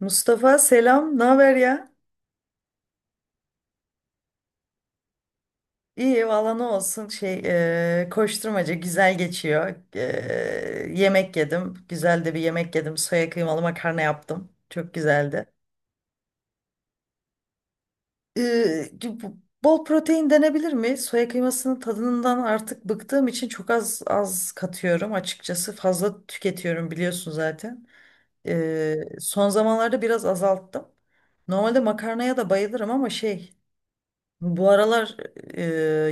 Mustafa selam, ne haber ya? İyi valla ne olsun şey, koşturmaca güzel geçiyor. Yemek yedim, güzel de bir yemek yedim. Soya kıymalı makarna yaptım, çok güzeldi. E, bu- Bol protein denebilir mi? Soya kıymasının tadından artık bıktığım için çok az az katıyorum açıkçası. Fazla tüketiyorum biliyorsun zaten. Son zamanlarda biraz azalttım. Normalde makarnaya da bayılırım ama şey. Bu aralar e,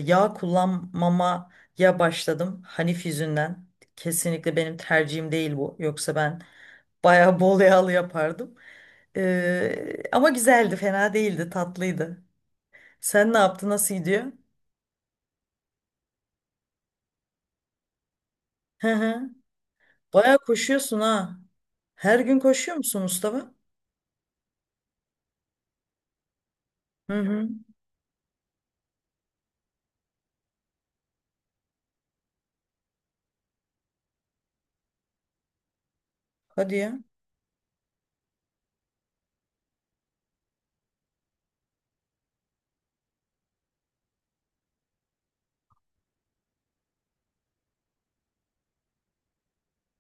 yağ kullanmamaya başladım. Hanif yüzünden. Kesinlikle benim tercihim değil bu. Yoksa ben bayağı bol yağlı yapardım. Ama güzeldi, fena değildi, tatlıydı. Sen ne yaptın, nasıl gidiyor? Hı hı. Bayağı koşuyorsun ha. Her gün koşuyor musun Mustafa? Hı hı. Hadi ya.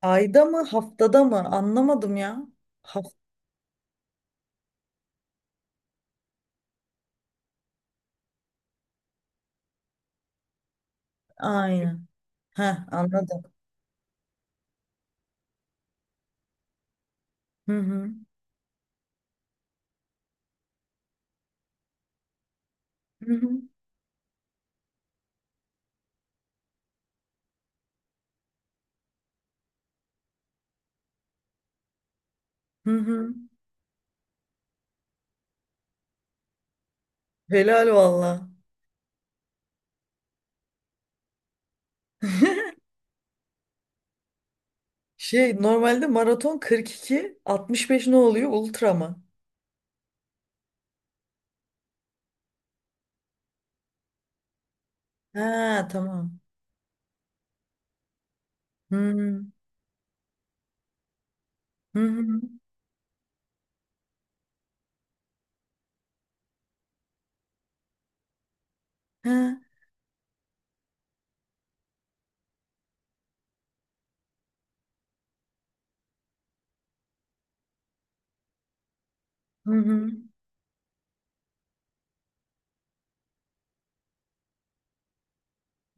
Ayda mı, haftada mı? Anlamadım ya. Hafta, aynen. Heh, anladım. Hı hı. Hı hı. Hı hı. Helal valla. Şey normalde maraton 42, 65 ne oluyor? Ultra mı? Ha tamam. Hı hı. Hı hı. Ha, hı hı.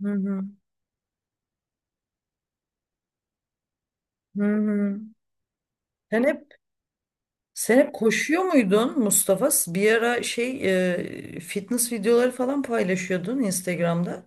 Hı hı. Hı hı. Sen hep sen hep koşuyor muydun Mustafa? Bir ara şey, fitness videoları falan paylaşıyordun Instagram'da.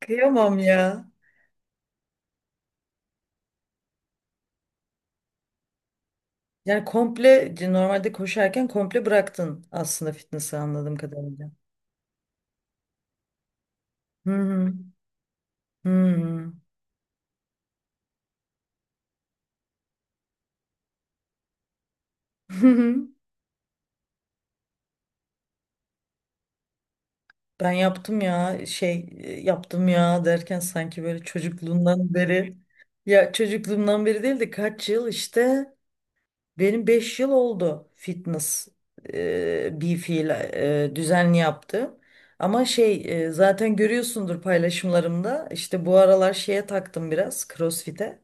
Kıyamam ya. Yani komple normalde koşarken komple bıraktın aslında fitness'ı anladığım kadarıyla. Hı hı. Hı hı. Ben yaptım ya şey, yaptım ya derken sanki böyle çocukluğumdan beri, ya çocukluğumdan beri değil de kaç yıl işte benim 5 yıl oldu fitness, bir fiil düzenli yaptım. Ama şey, zaten görüyorsundur paylaşımlarımda işte bu aralar şeye taktım biraz CrossFit'e.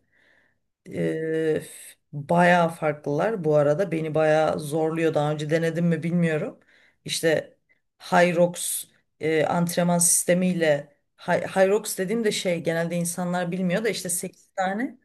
Bayağı farklılar bu arada. Beni bayağı zorluyor. Daha önce denedim mi bilmiyorum. İşte Hyrox antrenman sistemiyle, Hyrox dediğim de şey, genelde insanlar bilmiyor da işte 8 tane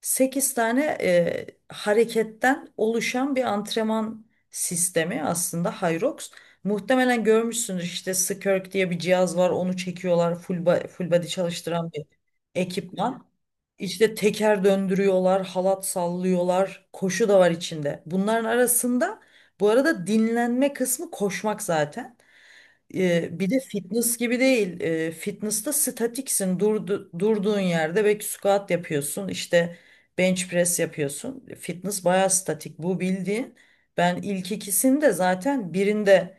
8 tane hareketten oluşan bir antrenman sistemi aslında Hyrox. Muhtemelen görmüşsündür işte Skirk diye bir cihaz var, onu çekiyorlar full body çalıştıran bir ekipman. İşte teker döndürüyorlar, halat sallıyorlar, koşu da var içinde. Bunların arasında bu arada dinlenme kısmı koşmak zaten. Bir de fitness gibi değil. Fitness'ta statiksin. Durduğun yerde belki squat yapıyorsun. İşte bench press yapıyorsun. Fitness bayağı statik. Bu bildiğin. Ben ilk ikisini de zaten birinde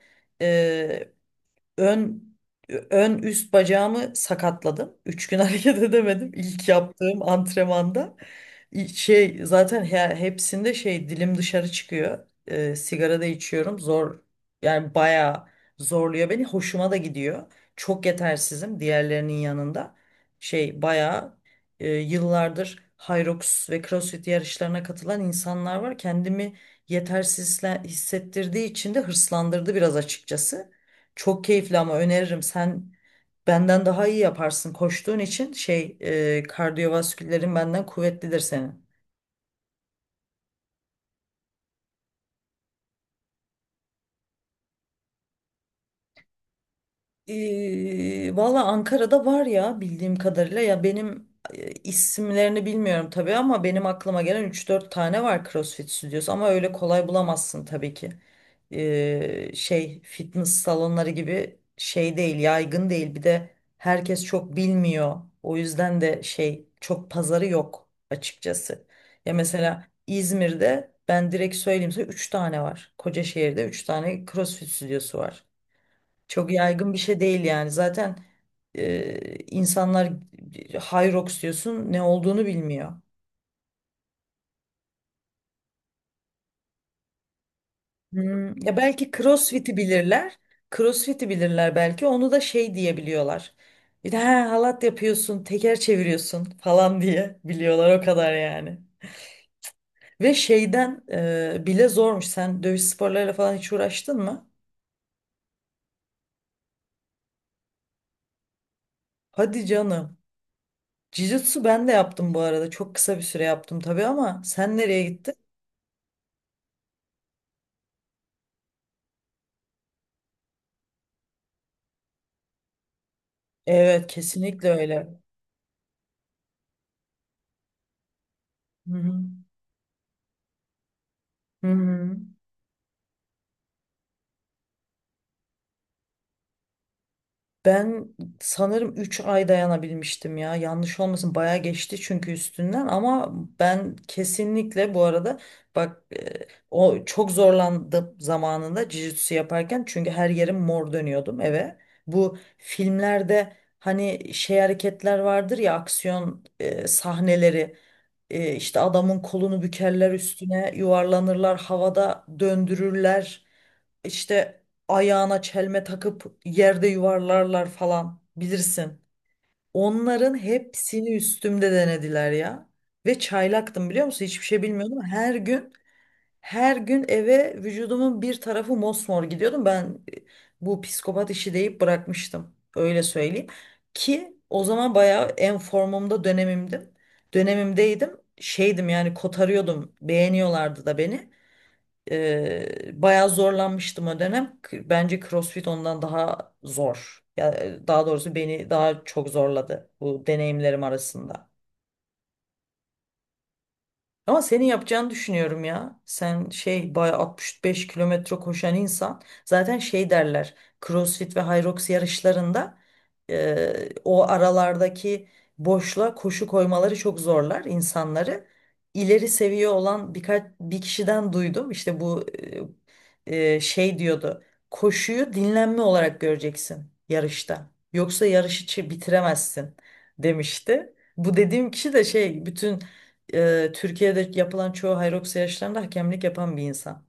ön ön üst bacağımı sakatladım. 3 gün hareket edemedim ilk yaptığım antrenmanda. Şey zaten hepsinde şey dilim dışarı çıkıyor. Sigara da içiyorum. Zor, yani bayağı zorluyor beni. Hoşuma da gidiyor. Çok yetersizim diğerlerinin yanında. Şey bayağı, yıllardır Hyrox ve CrossFit yarışlarına katılan insanlar var. Kendimi yetersiz hissettirdiği için de hırslandırdı biraz açıkçası. Çok keyifli ama öneririm. Sen benden daha iyi yaparsın koştuğun için şey, kardiyovaskülerin benden kuvvetlidir senin. Valla Ankara'da var ya bildiğim kadarıyla, ya benim isimlerini bilmiyorum tabii ama benim aklıma gelen 3-4 tane var CrossFit stüdyosu ama öyle kolay bulamazsın tabii ki. Şey fitness salonları gibi şey değil, yaygın değil, bir de herkes çok bilmiyor, o yüzden de şey çok pazarı yok açıkçası. Ya mesela İzmir'de ben direkt söyleyeyim size 3 tane var. Kocaşehir'de 3 tane CrossFit stüdyosu var. Çok yaygın bir şey değil yani. Zaten insanlar Hyrox diyorsun ne olduğunu bilmiyor. Hmm, ya belki CrossFit'i bilirler. CrossFit'i bilirler belki. Onu da şey diye biliyorlar. Bir de halat yapıyorsun, teker çeviriyorsun falan diye biliyorlar o kadar yani. Ve şeyden bile zormuş. Sen dövüş sporlarıyla falan hiç uğraştın mı? Hadi canım. Jiu-jitsu ben de yaptım bu arada. Çok kısa bir süre yaptım tabii ama sen nereye gittin? Evet, kesinlikle öyle. Hı hı. Hı hı. Ben sanırım 3 ay dayanabilmiştim ya. Yanlış olmasın bayağı geçti çünkü üstünden, ama ben kesinlikle bu arada bak, o çok zorlandım zamanında jiu-jitsu yaparken çünkü her yerim mor dönüyordum eve. Bu filmlerde hani şey hareketler vardır ya, aksiyon sahneleri, işte adamın kolunu bükerler, üstüne yuvarlanırlar, havada döndürürler. İşte ayağına çelme takıp yerde yuvarlarlar falan bilirsin. Onların hepsini üstümde denediler ya. Ve çaylaktım biliyor musun? Hiçbir şey bilmiyordum. Her gün her gün eve vücudumun bir tarafı mosmor gidiyordum. Ben, bu psikopat işi deyip bırakmıştım. Öyle söyleyeyim. Ki o zaman bayağı en formumda dönemimdim. Dönemimdeydim. Şeydim yani kotarıyordum. Beğeniyorlardı da beni. Bayağı zorlanmıştım o dönem. Bence CrossFit ondan daha zor. Ya, daha doğrusu beni daha çok zorladı bu deneyimlerim arasında. Ama senin yapacağını düşünüyorum ya. Sen şey bayağı 65 kilometre koşan insan. Zaten şey derler. CrossFit ve Hyrox yarışlarında o aralardaki boşluğa koşu koymaları çok zorlar insanları. İleri seviye olan birkaç bir kişiden duydum. İşte bu şey diyordu. Koşuyu dinlenme olarak göreceksin yarışta. Yoksa yarışı bitiremezsin demişti. Bu dediğim kişi de şey, bütün Türkiye'de yapılan çoğu Hyrox yarışlarında hakemlik yapan bir insan.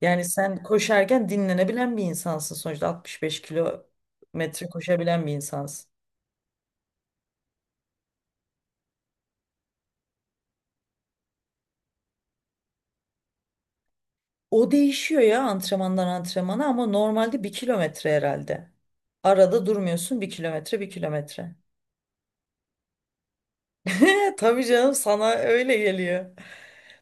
Yani sen koşarken dinlenebilen bir insansın, sonuçta 65 kilometre koşabilen bir insansın. O değişiyor ya antrenmandan antrenmana ama normalde bir kilometre herhalde. Arada durmuyorsun, bir kilometre bir kilometre. Tabii canım sana öyle geliyor.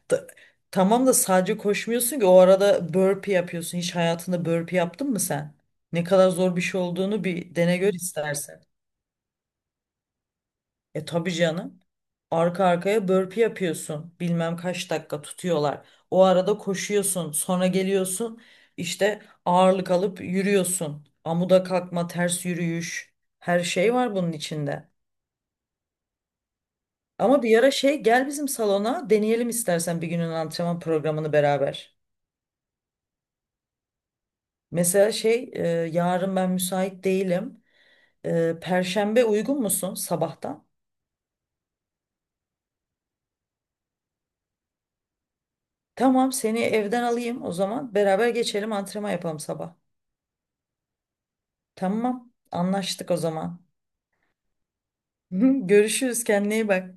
Ta- tamam da sadece koşmuyorsun ki, o arada burpee yapıyorsun. Hiç hayatında burpee yaptın mı sen? Ne kadar zor bir şey olduğunu bir dene gör istersen. E, tabii canım. Arka arkaya burpee yapıyorsun. Bilmem kaç dakika tutuyorlar. O arada koşuyorsun. Sonra geliyorsun. İşte ağırlık alıp yürüyorsun. Amuda kalkma, ters yürüyüş. Her şey var bunun içinde. Ama bir ara şey gel bizim salona, deneyelim istersen bir günün antrenman programını beraber. Mesela şey, yarın ben müsait değilim. Perşembe uygun musun sabahtan? Tamam seni evden alayım o zaman, beraber geçelim, antrenman yapalım sabah. Tamam. Anlaştık o zaman. Görüşürüz. Kendine iyi bak.